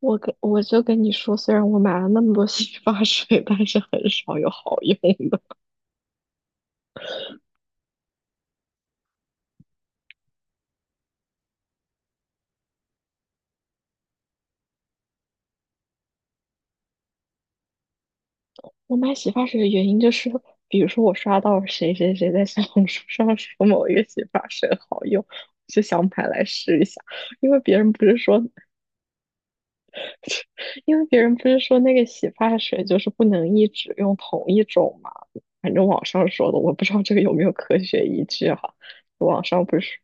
我就跟你说，虽然我买了那么多洗发水，但是很少有好用的。我买洗发水的原因就是，比如说我刷到谁谁谁在小红书上说某一个洗发水好用，我就想买来试一下。因为别人不是说因为别人不是说那个洗发水就是不能一直用同一种嘛，反正网上说的，我不知道这个有没有科学依据哈。网上不是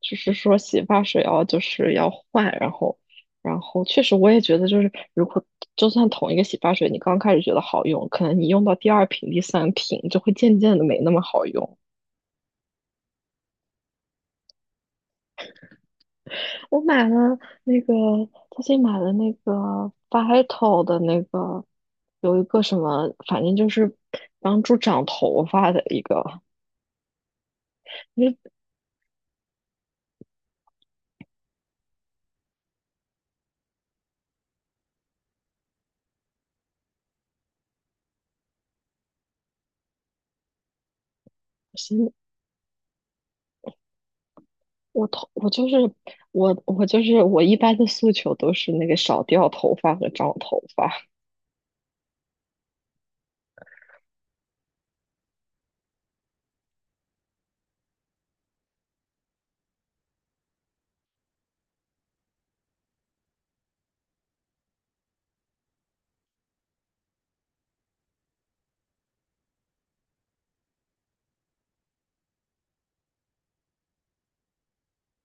就是说洗发水哦，就是要换，然后确实我也觉得就是如果就算同一个洗发水，你刚开始觉得好用，可能你用到第二瓶、第三瓶就会渐渐的没那么好用。我买了那个，最近买了那个 Vital 的那个，有一个什么，反正就是帮助长头发的一个。因为我心我头，我就是我，我就是我一般的诉求都是那个少掉头发和长头发。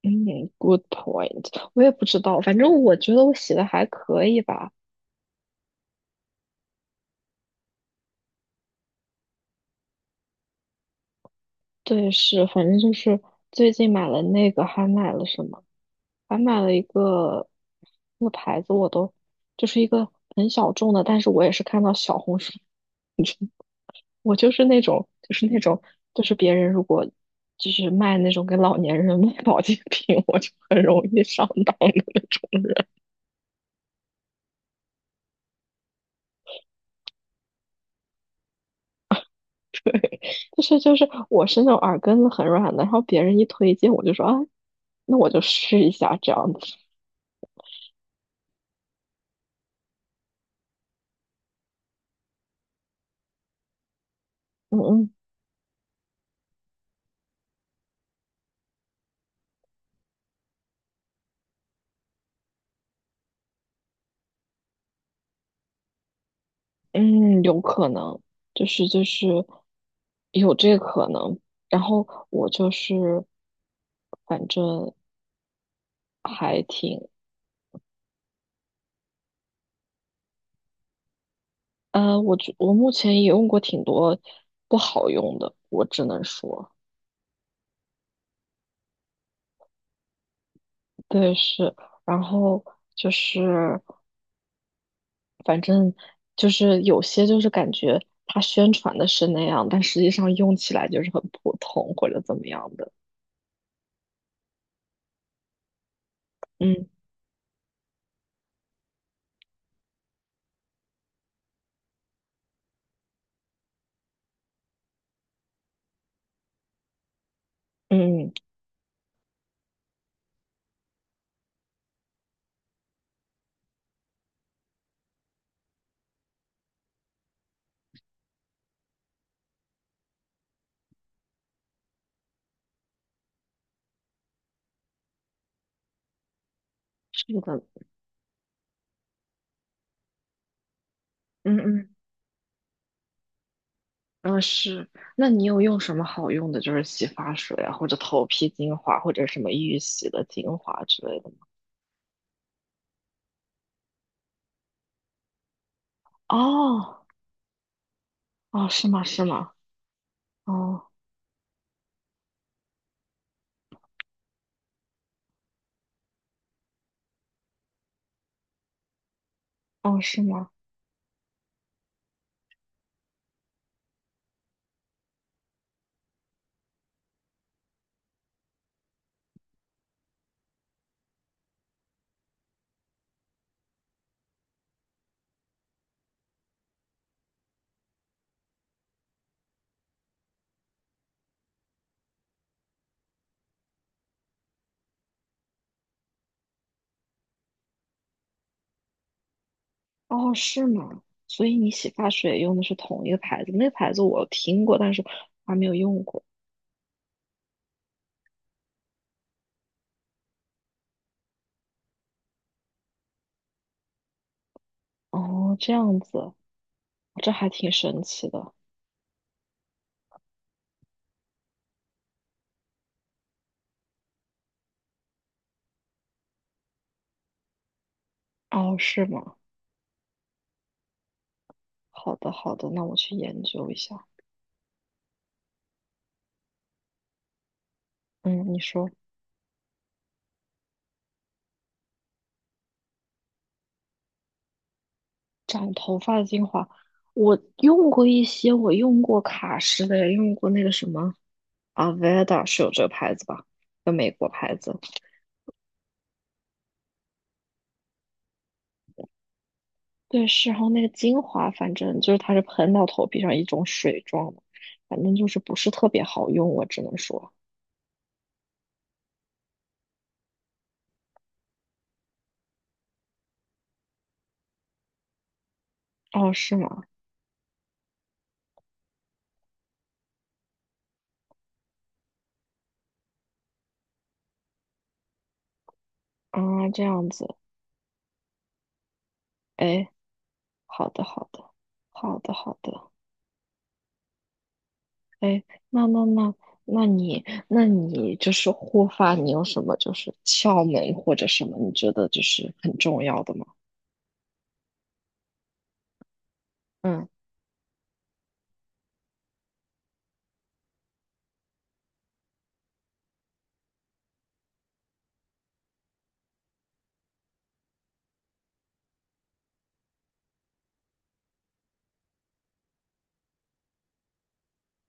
嗯，good point。我也不知道，反正我觉得我洗的还可以吧。对，是，反正就是最近买了那个，还买了什么？还买了一个那个牌子，我都就是一个很小众的，但是我也是看到小红书，我就是那种就是那种就是别人如果就是卖那种给老年人卖保健品，我就很容易上当的那种。我是那种耳根子很软的，然后别人一推荐我就说啊，那我就试一下这样子。嗯嗯嗯，有可能，就是就是有这个可能。然后我就是，反正还挺。我觉我目前也用过挺多不好用的，我只能说。对，是，然后就是反正就是有些就是感觉它宣传的是那样，但实际上用起来就是很普通或者怎么样的。嗯嗯，是的。嗯嗯，嗯是，那你有用什么好用的，就是洗发水啊，或者头皮精华，或者什么预洗的精华之类的吗？哦哦，是吗？是吗？哦。哦，是吗？哦，是吗？所以你洗发水用的是同一个牌子，那个牌子我听过，但是还没有用过。哦，这样子，这还挺神奇的。哦，是吗？好的，好的，那我去研究一下。嗯，你说长头发的精华，我用过一些，我用过卡诗的，也用过那个什么 Aveda, 是有这个牌子吧？个美国牌子。对，是，然后那个精华，反正就是它是喷到头皮上一种水状的，反正就是不是特别好用，我只能说。哦，是吗？啊，这样子，哎，好的，好的，好的，好的，哎，那那那，那你，那你就是护发，你有什么就是窍门或者什么，你觉得就是很重要的吗？嗯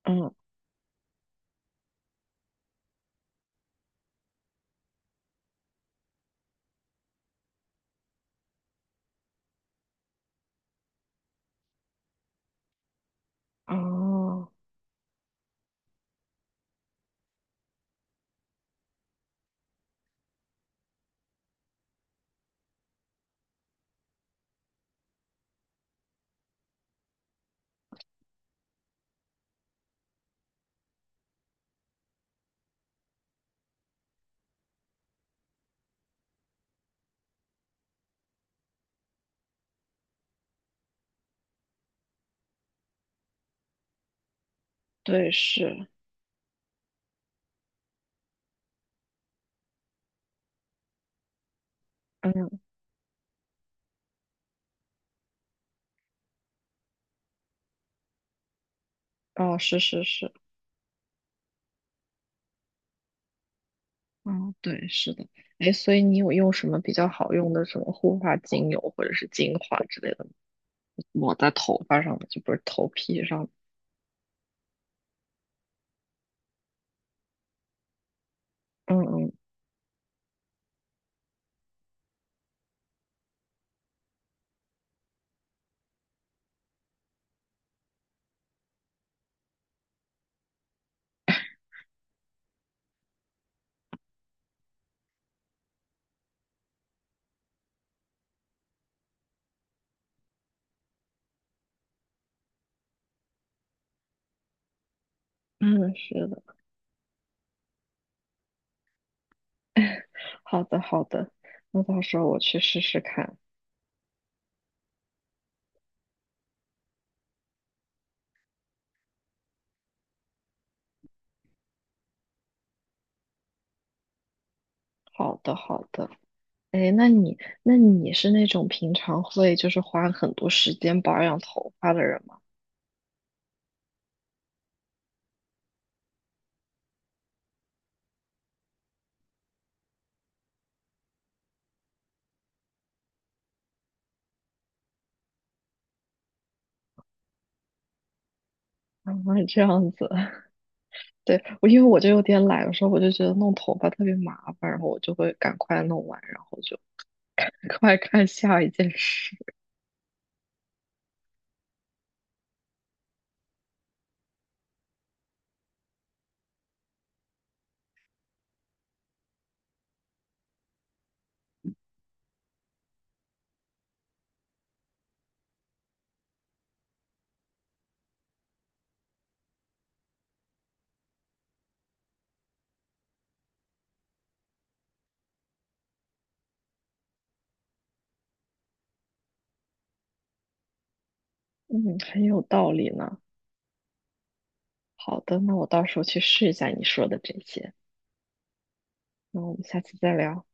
嗯。啊，对，是。嗯。哦，是是是。嗯，对，是的。哎，所以你有用什么比较好用的什么护发精油或者是精华之类的抹在头发上的，就不是头皮上的。嗯嗯，嗯，是的。好的好的，那到时候我去试试看。好的好的。哎，那你是那种平常会就是花很多时间保养头发的人吗？啊，这样子。对，我因为我就有点懒，有时候我就觉得弄头发特别麻烦，然后我就会赶快弄完，然后就。赶快看下一件事。嗯，很有道理呢。好的，那我到时候去试一下你说的这些。那我们下次再聊。